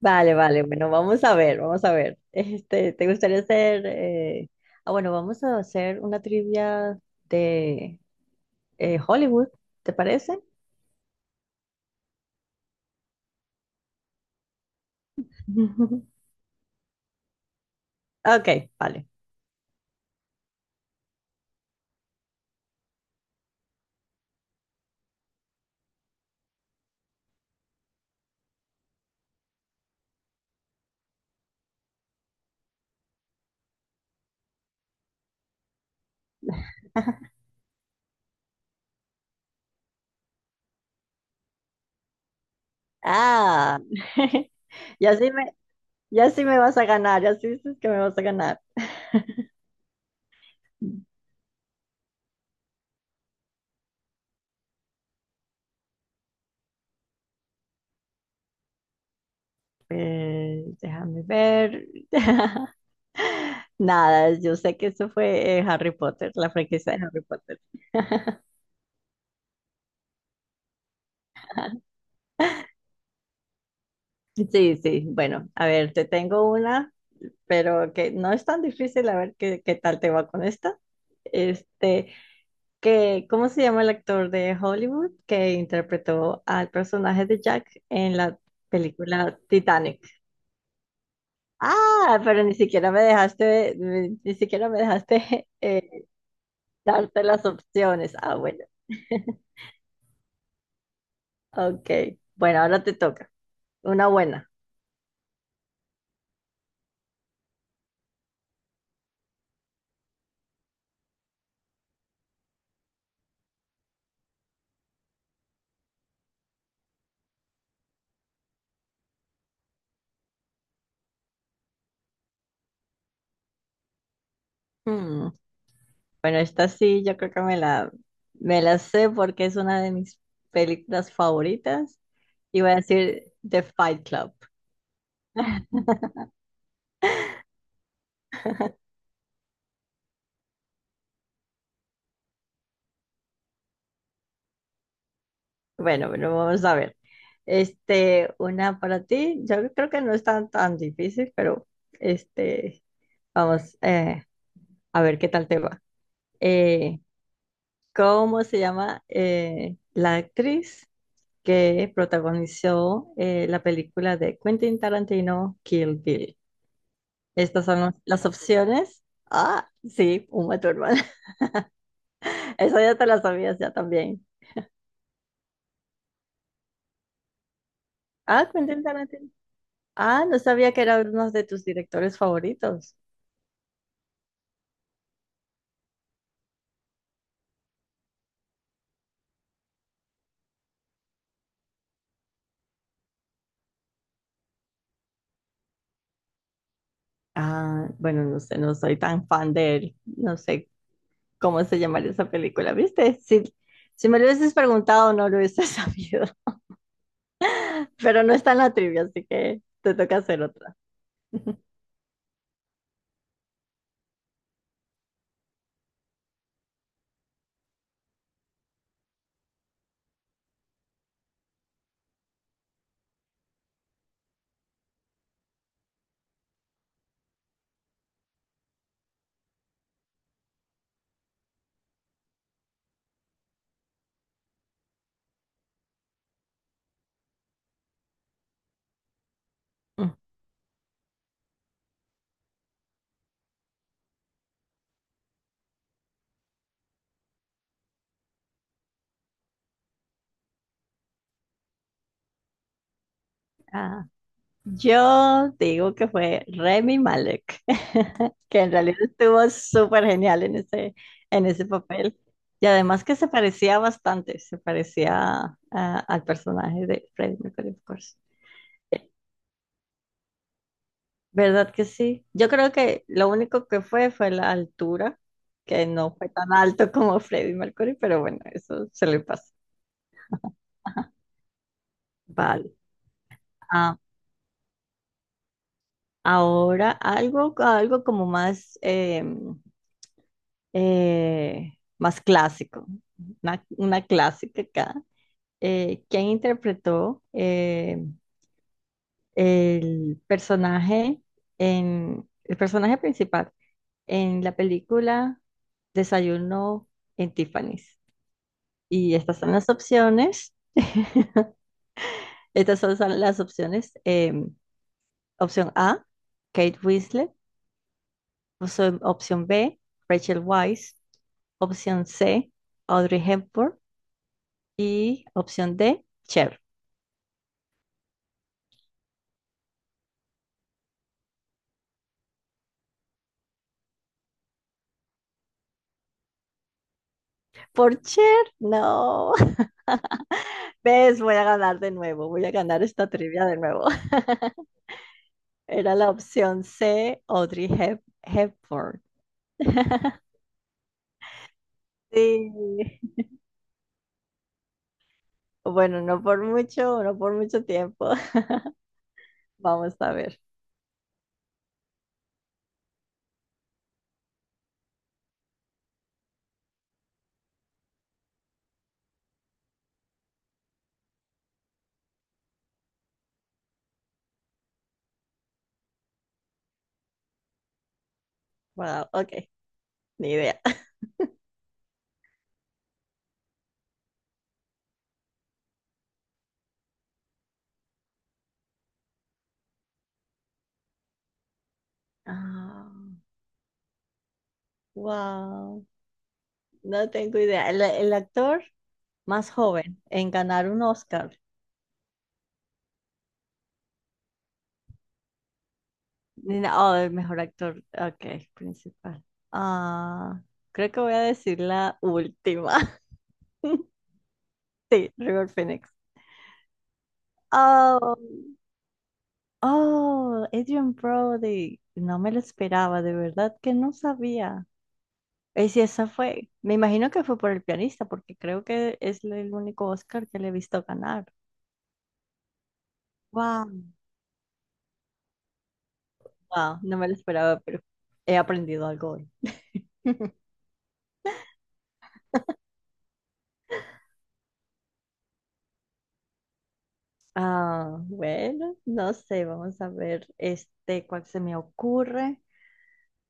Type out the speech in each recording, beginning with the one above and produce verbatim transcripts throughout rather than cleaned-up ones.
Vale, vale, bueno, vamos a ver, vamos a ver. Este, ¿te gustaría hacer? eh, Ah, bueno, vamos a hacer una trivia de eh, Hollywood, ¿te parece? Ok, vale. Ah, ya sí me, ya sí me vas a ganar, ya sí dices que me vas a ganar. Eh, déjame ver. Nada, yo sé que eso fue eh, Harry Potter, la franquicia de Harry Potter. Sí, sí, bueno, a ver, te tengo una, pero que no es tan difícil, a ver qué, qué tal te va con esta. Este, que, ¿cómo se llama el actor de Hollywood que interpretó al personaje de Jack en la película Titanic? Ah, pero ni siquiera me dejaste, ni ni siquiera me dejaste eh, darte las opciones. Ah, bueno, ok. Bueno, ahora te toca. Una buena. Hmm, bueno, esta sí, yo creo que me la, me la sé porque es una de mis películas favoritas. Iba a decir The Fight Club. Bueno, bueno, vamos a ver. Este, una para ti. Yo creo que no es tan, tan difícil, pero este, vamos eh, a ver qué tal te va. Eh, ¿Cómo se llama eh, la actriz que protagonizó eh, la película de Quentin Tarantino, Kill Bill? Estas son los- las opciones. Ah, sí, Uma Thurman. Eso ya te la sabías ya también. Ah, Quentin Tarantino. Ah, no sabía que era uno de tus directores favoritos. Ah, bueno, no sé, no soy tan fan de él. No sé cómo se llamaría esa película, ¿viste? Si, si me lo hubieses preguntado, no lo hubiese sabido. Pero no está en la trivia, así que te toca hacer otra. Mm. Ah, yo digo que fue Remy Malek, que en realidad estuvo súper genial en ese, en ese papel. Y además que se parecía bastante, se parecía a- al personaje de Freddie Mercury, of course. ¿Verdad que sí? Yo creo que lo único que fue fue la altura, que no fue tan alto como Freddie Mercury, pero bueno, eso se le pasa. Ajá. Vale. Ah, ahora algo, algo como más, eh, eh, más clásico, una, una clásica acá. Eh, ¿quién interpretó eh, el personaje en el personaje principal en la película Desayuno en Tiffany's? Y estas son las opciones. Estas son son las opciones. Em, opción A, Kate Winslet. Opción, opción B, Rachel Weisz. Opción C, Audrey Hepburn. Y opción D, Cher. Por Cher, no. ¿Ves? Voy a ganar de nuevo. Voy a ganar esta trivia de nuevo. Era la opción C, Audrey Hep- Hepburn. Sí. Bueno, no por mucho, no por mucho tiempo. Vamos a ver. Wow, ok, ni idea. Ah, wow, no tengo idea. El, el actor más joven en ganar un Oscar. Ni na- Oh, el mejor actor, ok, principal. Ah, creo que voy a decir la última. Sí, River Phoenix. Oh, oh, Adrian Brody. No me lo esperaba, de verdad que no sabía. Y si esa fue, me imagino que fue por el pianista, porque creo que es el único Oscar que le he visto ganar. Wow, wow, no me lo esperaba, pero he aprendido algo hoy. Ah, bueno, no sé, vamos a ver este cuál se me ocurre.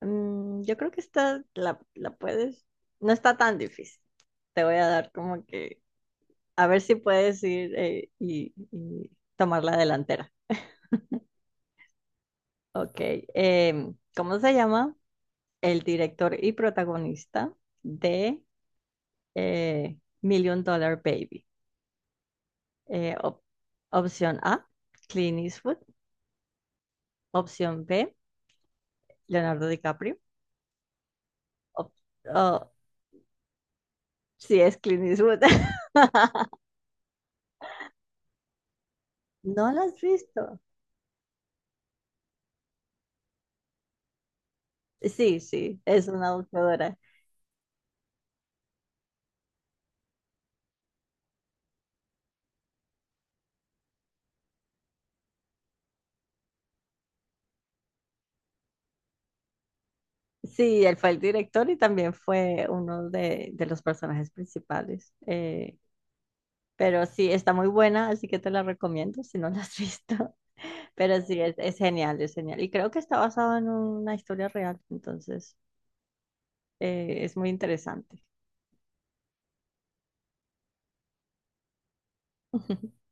Mm, yo creo que esta la, la puedes, no está tan difícil. Te voy a dar como que a ver si puedes ir eh, y, y tomar la delantera. Ok, em, ¿cómo se llama el director y protagonista de eh, Million Dollar Baby? Eh, op- Opción A, Clint Eastwood. Opción B, Leonardo DiCaprio. Op- oh, sí, es Clint Eastwood. ¿No la has visto? Sí, sí, es una boxeadora. Sí, él fue el director y también fue uno de, de los personajes principales. Eh, pero sí, está muy buena, así que te la recomiendo si no la has visto. Pero sí, es, es genial, es genial. Y creo que está basado en una historia real, entonces eh, es muy interesante.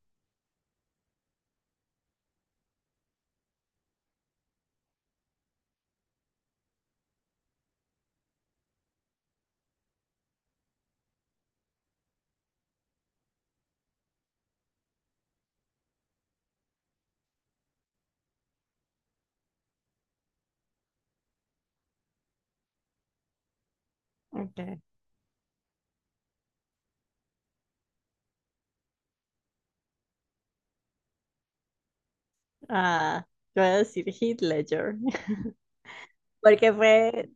Ok. Ah, yo voy a decir Heath Ledger, porque fue,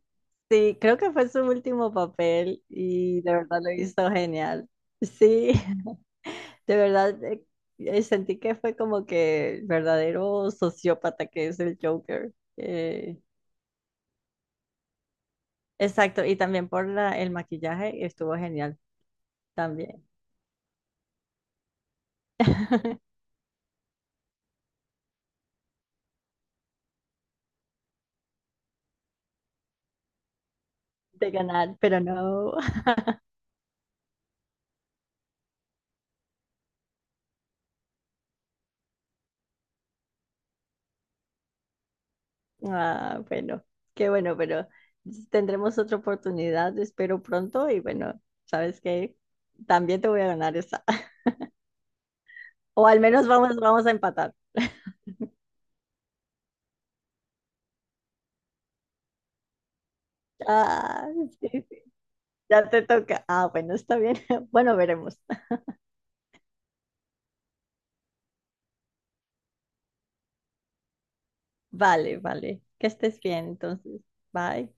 sí, creo que fue su último papel y de verdad lo hizo genial. Sí, de verdad eh, eh, sentí que fue como que el verdadero sociópata que es el Joker. Eh, exacto, y también por la, el maquillaje estuvo genial también. De ganar, pero no. Ah, bueno, qué bueno, pero tendremos otra oportunidad, espero pronto y bueno, ¿sabes qué? También te voy a ganar esa, o al menos vamos, vamos a empatar. Ah, sí, sí, ya te toca. Ah, bueno, está bien. Bueno, veremos. Vale, vale. Que estés bien, entonces. Bye.